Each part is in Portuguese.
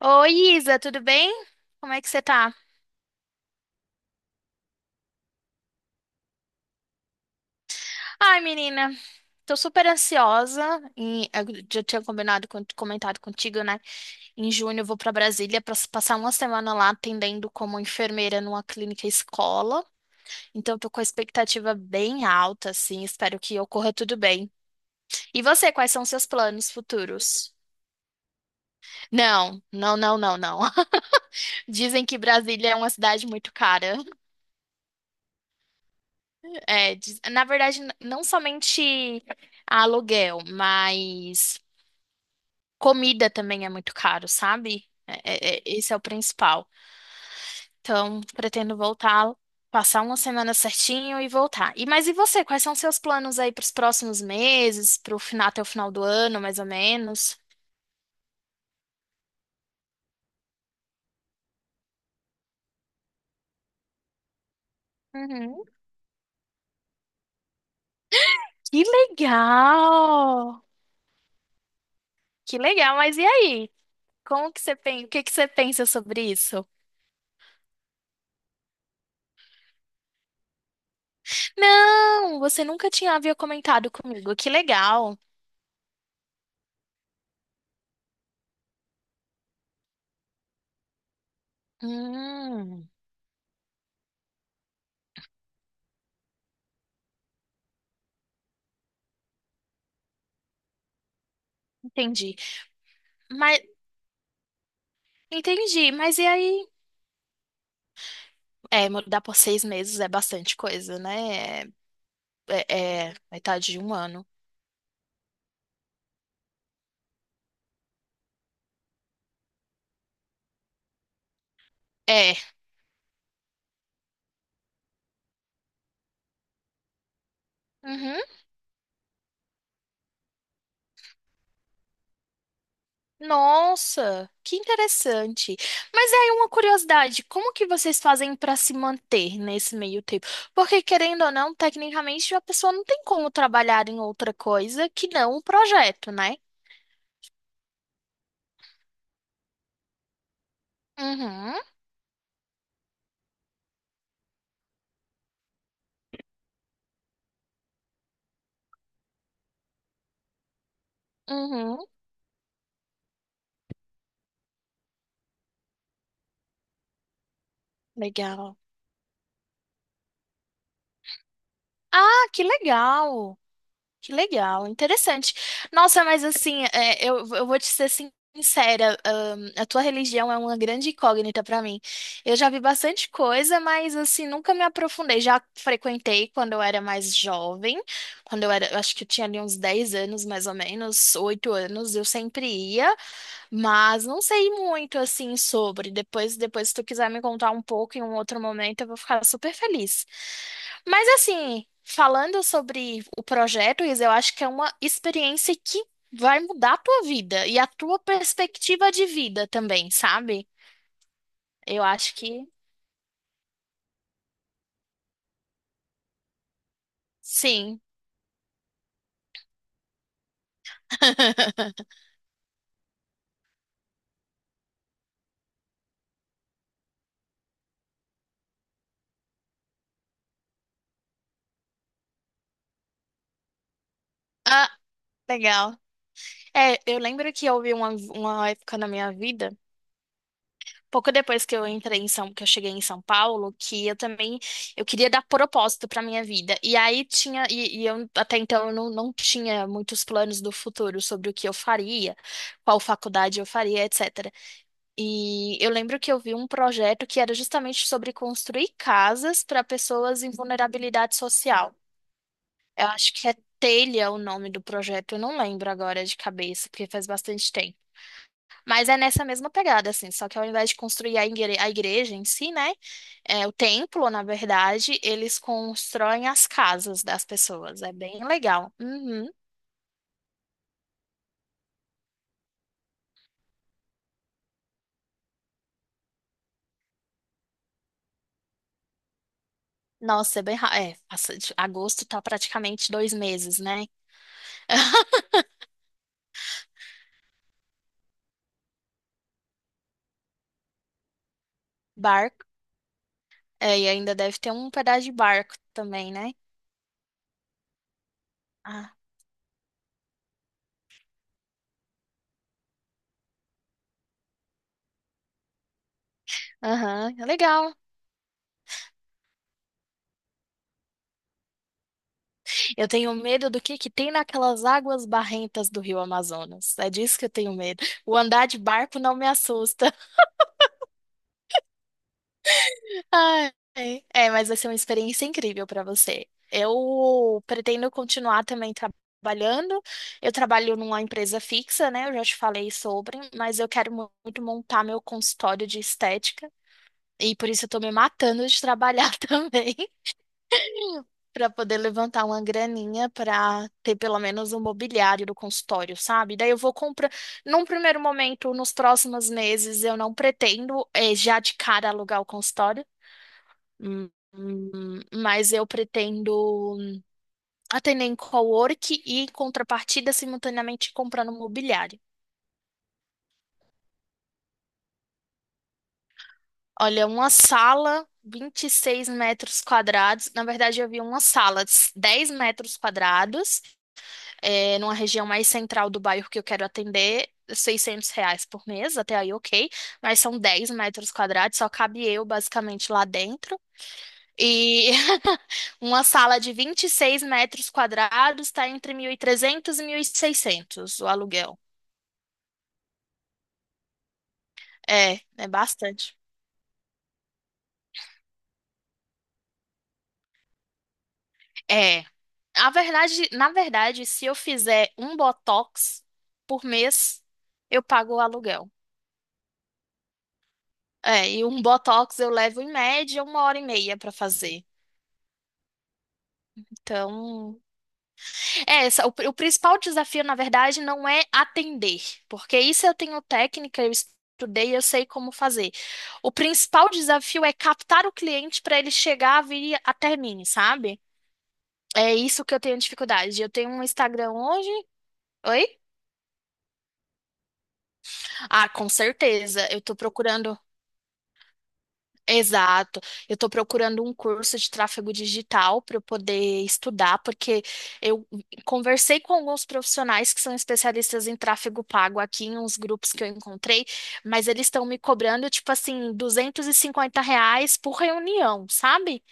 Oi, Isa, tudo bem? Como é que você tá? Ai, menina, tô super ansiosa. E eu já tinha combinado, comentado contigo, né? Em junho eu vou pra Brasília pra passar uma semana lá atendendo como enfermeira numa clínica escola. Então, eu tô com a expectativa bem alta, assim. Espero que ocorra tudo bem. E você, quais são seus planos futuros? Não, não, não, não, não. Dizem que Brasília é uma cidade muito cara. É, na verdade, não somente aluguel, mas comida também é muito caro, sabe? Esse é o principal. Então, pretendo voltar, passar uma semana certinho e voltar. E mas e você? Quais são seus planos aí para os próximos meses, para o final, até o final do ano, mais ou menos? Uhum. Que legal! Que legal, mas e aí? Como que você pensa, o que que você pensa sobre isso? Não, você nunca tinha havia comentado comigo. Que legal. Hum, Entendi. Mas entendi, mas e aí? É, mudar por 6 meses é bastante coisa, né? É, é metade de um ano. É. Uhum. Nossa, que interessante. Mas aí uma curiosidade, como que vocês fazem para se manter nesse meio tempo? Porque querendo ou não, tecnicamente a pessoa não tem como trabalhar em outra coisa que não o projeto, né? Uhum. Uhum. Legal. Ah, que legal. Que legal, interessante. Nossa, mas assim, é, eu vou te ser sincera, a tua religião é uma grande incógnita pra mim. Eu já vi bastante coisa, mas assim, nunca me aprofundei. Já frequentei quando eu era mais jovem, quando eu era, eu acho que eu tinha ali uns 10 anos, mais ou menos, 8 anos, eu sempre ia. Mas não sei muito assim sobre. Depois, se tu quiser me contar um pouco em um outro momento, eu vou ficar super feliz. Mas assim, falando sobre o projeto, Isa, eu acho que é uma experiência que vai mudar a tua vida e a tua perspectiva de vida também, sabe? Eu acho que sim. Ah, legal. É, eu lembro que houve uma época na minha vida, pouco depois que eu entrei em São, que eu cheguei em São Paulo, que eu também eu queria dar propósito para minha vida. E aí tinha e eu até então eu não tinha muitos planos do futuro sobre o que eu faria, qual faculdade eu faria, etc. E eu lembro que eu vi um projeto que era justamente sobre construir casas para pessoas em vulnerabilidade social. Eu acho que é Telha o nome do projeto, eu não lembro agora de cabeça, porque faz bastante tempo. Mas é nessa mesma pegada, assim, só que ao invés de construir a a igreja em si, né, é, o templo, na verdade, eles constroem as casas das pessoas. É bem legal. Uhum. Nossa, é bem. Agosto tá praticamente 2 meses, né? Barco. É, e ainda deve ter um pedaço de barco também, né? Ah, aham, é legal. Eu tenho medo do que tem naquelas águas barrentas do Rio Amazonas. É disso que eu tenho medo. O andar de barco não me assusta. Ai, é, mas vai ser uma experiência incrível para você. Eu pretendo continuar também trabalhando. Eu trabalho numa empresa fixa, né? Eu já te falei sobre, mas eu quero muito montar meu consultório de estética e por isso eu tô me matando de trabalhar também para poder levantar uma graninha para ter pelo menos um mobiliário do consultório, sabe? Daí eu vou comprar. Num primeiro momento, nos próximos meses, eu não pretendo já de cara alugar o consultório. Mas eu pretendo atender em cowork e, em contrapartida, simultaneamente comprando mobiliário. Olha, uma sala, 26 metros quadrados. Na verdade, eu vi uma sala, de 10 metros quadrados, é, numa região mais central do bairro que eu quero atender. R$ 600 por mês, até aí ok, mas são 10 metros quadrados, só cabe eu basicamente lá dentro. E uma sala de 26 metros quadrados está entre 1.300 e 1.600 o aluguel. É, é bastante. É. Na verdade, se eu fizer um botox por mês, eu pago o aluguel. É, e um botox eu levo em média 1h30 para fazer. Então, é, o principal desafio, na verdade, não é atender, porque isso eu tenho técnica, eu estudei, eu sei como fazer. O principal desafio é captar o cliente para ele chegar a vir até mim, sabe? É isso que eu tenho dificuldade. Eu tenho um Instagram hoje. Oi? Ah, com certeza. Eu tô procurando. Exato. Eu estou procurando um curso de tráfego digital para eu poder estudar, porque eu conversei com alguns profissionais que são especialistas em tráfego pago aqui em uns grupos que eu encontrei, mas eles estão me cobrando, tipo assim, R$ 250 por reunião, sabe?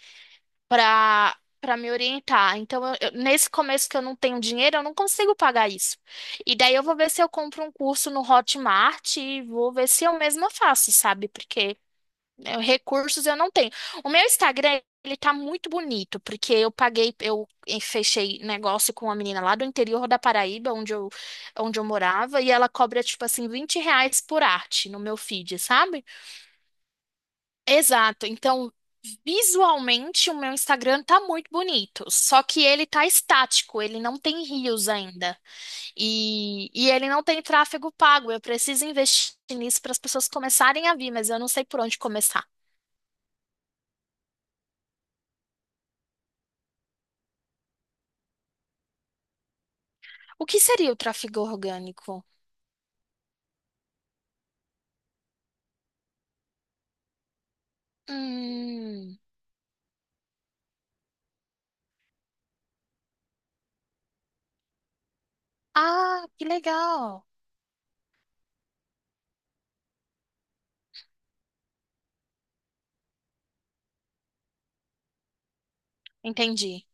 Para me orientar. Então, nesse começo que eu não tenho dinheiro, eu não consigo pagar isso. E daí eu vou ver se eu compro um curso no Hotmart e vou ver se eu mesma faço, sabe? Porque é, recursos eu não tenho. O meu Instagram, ele tá muito bonito, porque eu paguei, eu fechei negócio com uma menina lá do interior da Paraíba, onde eu morava, e ela cobra, tipo assim, R$ 20 por arte no meu feed, sabe? Exato. Então, visualmente, o meu Instagram tá muito bonito, só que ele tá estático, ele não tem rios ainda. E ele não tem tráfego pago. Eu preciso investir nisso para as pessoas começarem a vir, mas eu não sei por onde começar. O que seria o tráfego orgânico? Hum. Ah, que legal. Entendi.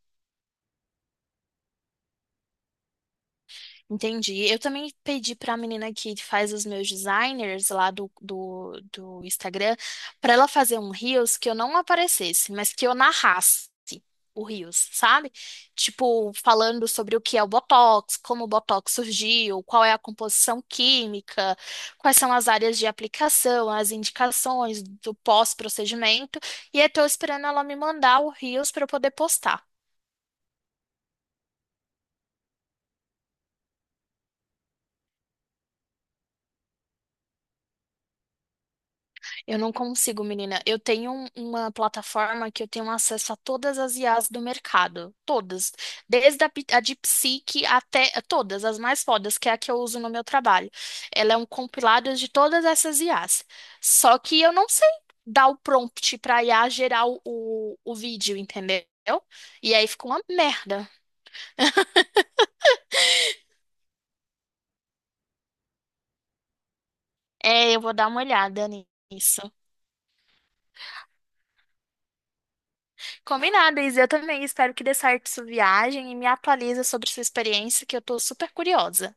Entendi. Eu também pedi para a menina que faz os meus designers lá do Instagram para ela fazer um Reels que eu não aparecesse, mas que eu narrasse o Reels, sabe? Tipo, falando sobre o que é o Botox, como o Botox surgiu, qual é a composição química, quais são as áreas de aplicação, as indicações do pós-procedimento. E eu estou esperando ela me mandar o Reels para eu poder postar. Eu não consigo, menina. Eu tenho uma plataforma que eu tenho acesso a todas as IAs do mercado. Todas. Desde a DeepSeek até todas, as mais fodas, que é a que eu uso no meu trabalho. Ela é um compilado de todas essas IAs. Só que eu não sei dar o prompt para IA gerar o vídeo, entendeu? E aí fica uma merda. É, eu vou dar uma olhada nisso. Combinado, Isa. Eu também espero que dê certo sua viagem e me atualiza sobre sua experiência, que eu tô super curiosa.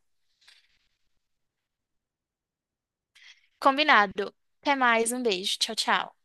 Combinado. Até mais, um beijo. Tchau, tchau.